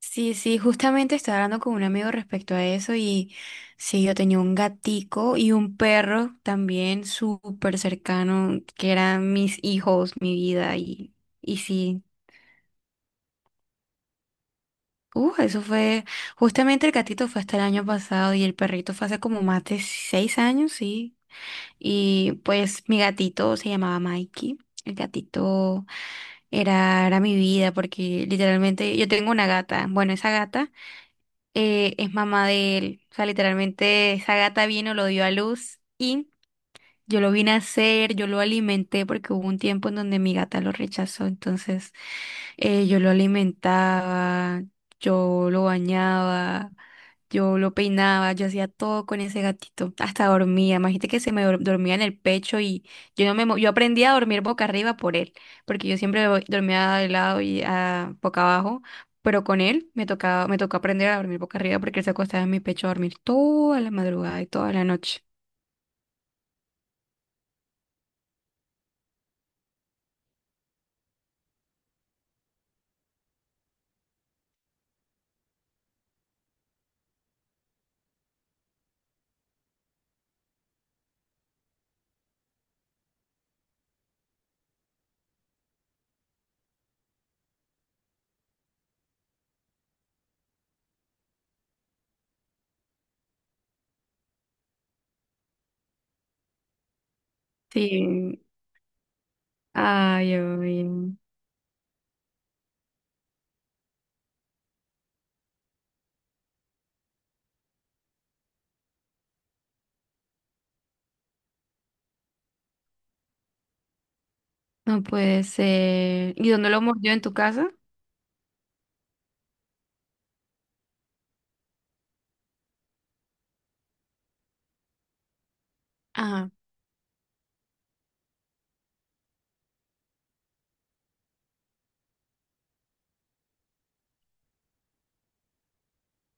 Sí, sí, justamente estaba hablando con un amigo respecto a eso y sí, yo tenía un gatico y un perro también súper cercano, que eran mis hijos, mi vida y sí. Eso fue, justamente el gatito fue hasta el año pasado y el perrito fue hace como más de 6 años, sí. Y pues mi gatito se llamaba Mikey. El gatito era mi vida porque literalmente yo tengo una gata. Bueno, esa gata es mamá de él. O sea, literalmente esa gata vino, lo dio a luz y yo lo vine a hacer, yo lo alimenté porque hubo un tiempo en donde mi gata lo rechazó, entonces yo lo alimentaba, yo lo bañaba, yo lo peinaba, yo hacía todo con ese gatito, hasta dormía, imagínate que dormía en el pecho y yo no me, mo- yo aprendí a dormir boca arriba por él, porque yo siempre dormía de lado y boca abajo, pero con él me tocaba, me tocó aprender a dormir boca arriba porque él se acostaba en mi pecho a dormir toda la madrugada y toda la noche. Sí. Ay, oye, no puede ser. ¿Y dónde lo mordió? ¿En tu casa? Ajá.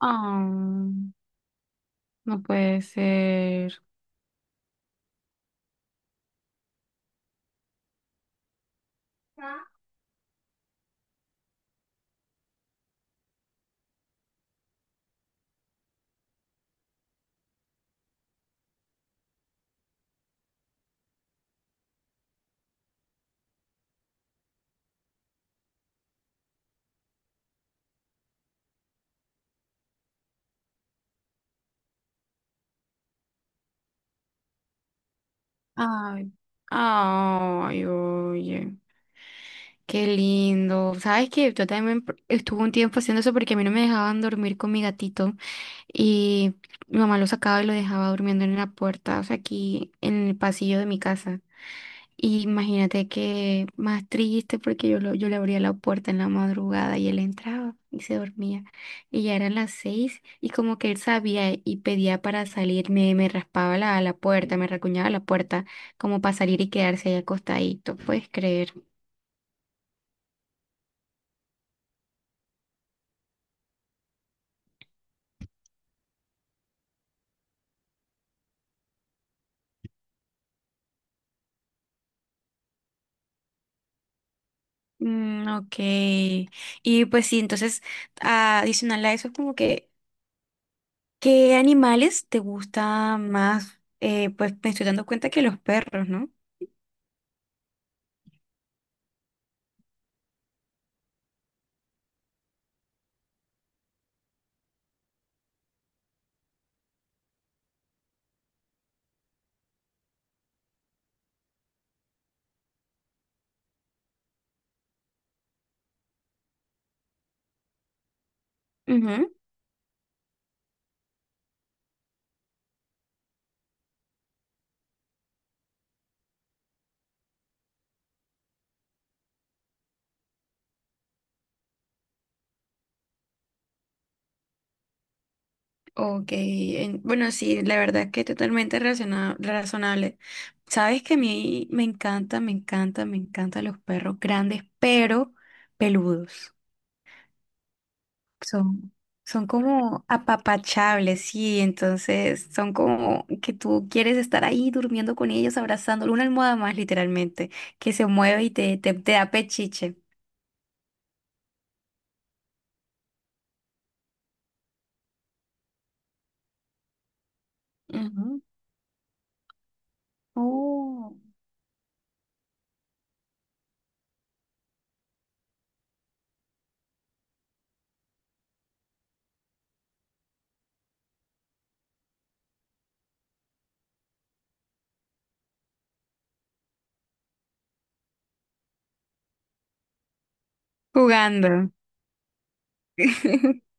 Ah, no puede ser. Ay. Ay, oye, qué lindo. ¿Sabes qué? Yo también estuve un tiempo haciendo eso porque a mí no me dejaban dormir con mi gatito y mi mamá lo sacaba y lo dejaba durmiendo en la puerta, o sea, aquí en el pasillo de mi casa. Y imagínate que más triste porque yo le abría la puerta en la madrugada y él entraba y se dormía. Y ya eran las seis y como que él sabía y pedía para salir, me raspaba la puerta, me racuñaba la puerta como para salir y quedarse ahí acostadito, ¿puedes creer? Mm, ok. Y pues sí, entonces, adicional a eso, como que ¿qué animales te gusta más? Pues me estoy dando cuenta que los perros, ¿no? Ujú. Ok, bueno, sí, la verdad es que totalmente razonable. Sabes que a mí me encanta, me encanta, me encantan los perros grandes, pero peludos. Son, son como apapachables, sí, entonces son como que tú quieres estar ahí durmiendo con ellos, abrazándolo, una almohada más literalmente, que se mueve y te da pechiche. Ujú. Oh. Jugando.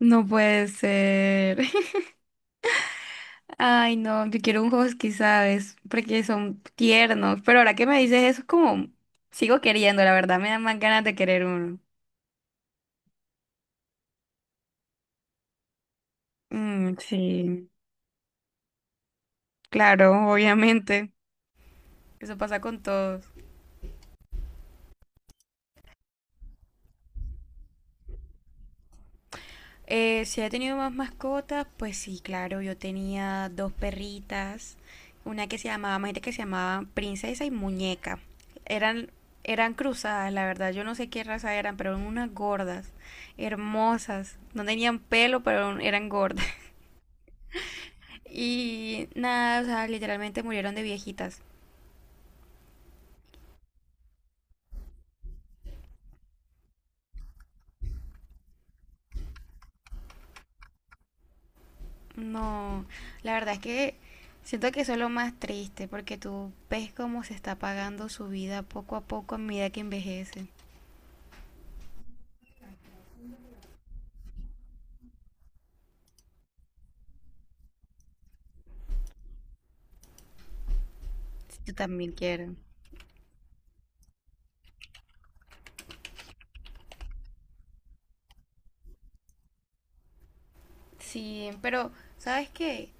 No puede ser. Ay, no, yo quiero un husky, ¿sabes? Porque son tiernos, pero ahora que me dices eso es como, sigo queriendo, la verdad, me dan más ganas de querer uno. Mm, sí, claro, obviamente. Eso pasa con todos. Si he tenido más mascotas, pues sí, claro, yo tenía dos perritas, una que se llamaba, imagínate que se llamaba Princesa y Muñeca. Eran, Eran cruzadas, la verdad, yo no sé qué raza eran, pero eran unas gordas, hermosas, no tenían pelo, pero eran gordas. Y nada, o sea, literalmente murieron de viejitas. No, la verdad es que siento que eso es lo más triste, porque tú ves cómo se está apagando su vida poco a poco a medida que envejece. Si tú también quieres. Sí, pero ¿sabes qué?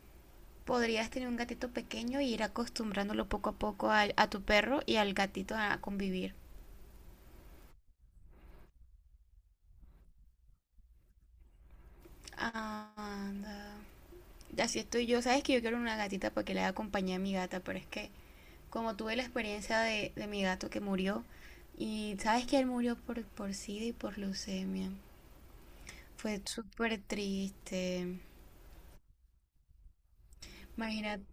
Podrías tener un gatito pequeño y ir acostumbrándolo poco a poco a tu perro y al gatito a convivir. Anda. Así estoy yo. Sabes que yo quiero una gatita para que le haga compañía a mi gata, pero es que como tuve la experiencia de mi gato que murió, y sabes que él murió por SIDA y por leucemia. Fue súper triste. Imagínate,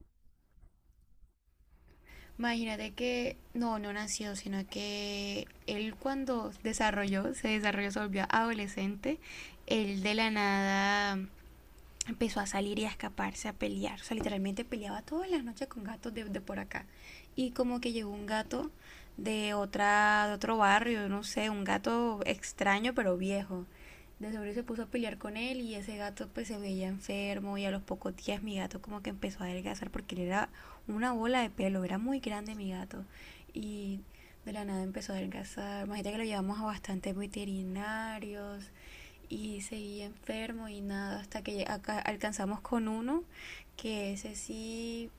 imagínate que, no, no nació, sino que él cuando desarrolló, se volvió adolescente, él de la nada empezó a salir y a escaparse, a pelear. O sea, literalmente peleaba todas las noches con gatos de por acá. Y como que llegó un gato de otra, de otro barrio, no sé, un gato extraño pero viejo. De seguro se puso a pelear con él y ese gato pues se veía enfermo y a los pocos días mi gato como que empezó a adelgazar porque él era una bola de pelo, era muy grande mi gato y de la nada empezó a adelgazar. Imagínate que lo llevamos a bastantes veterinarios y seguía enfermo y nada, hasta que acá alcanzamos con uno, que ese sí,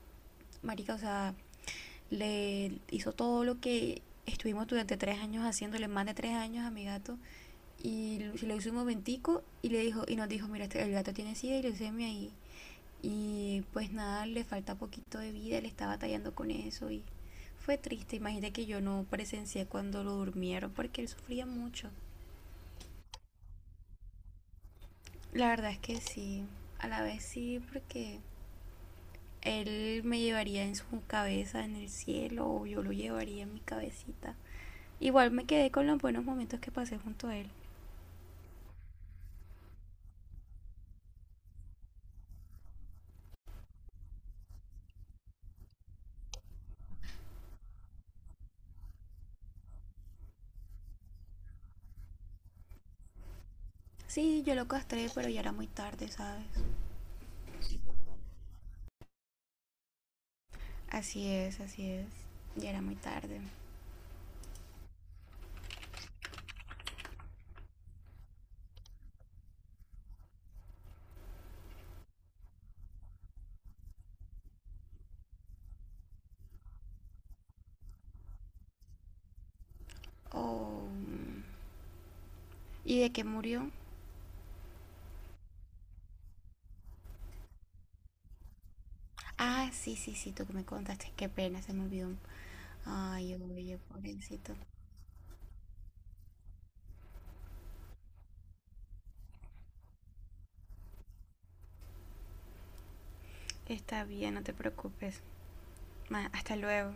marica, o sea, le hizo todo lo que estuvimos durante 3 años haciéndole, más de 3 años a mi gato, y se lo hizo un momentico y le dijo, y nos dijo, mira, el gato tiene sida y leucemia y pues nada, le falta poquito de vida, le estaba batallando con eso y fue triste, imagínate que yo no presencié cuando lo durmieron porque él sufría mucho. La verdad es que sí, a la vez sí, porque él me llevaría en su cabeza en el cielo o yo lo llevaría en mi cabecita. Igual me quedé con los buenos momentos que pasé junto a él. Sí, yo lo castré, pero ya era muy tarde, ¿sabes? Así es, así es. Ya era muy tarde. Oh. ¿Y de qué murió? Ah, sí, sí, sí, tú que me contaste. Qué pena, se me olvidó. Ay, oye, pobrecito. Está bien, no te preocupes. Ma, hasta luego.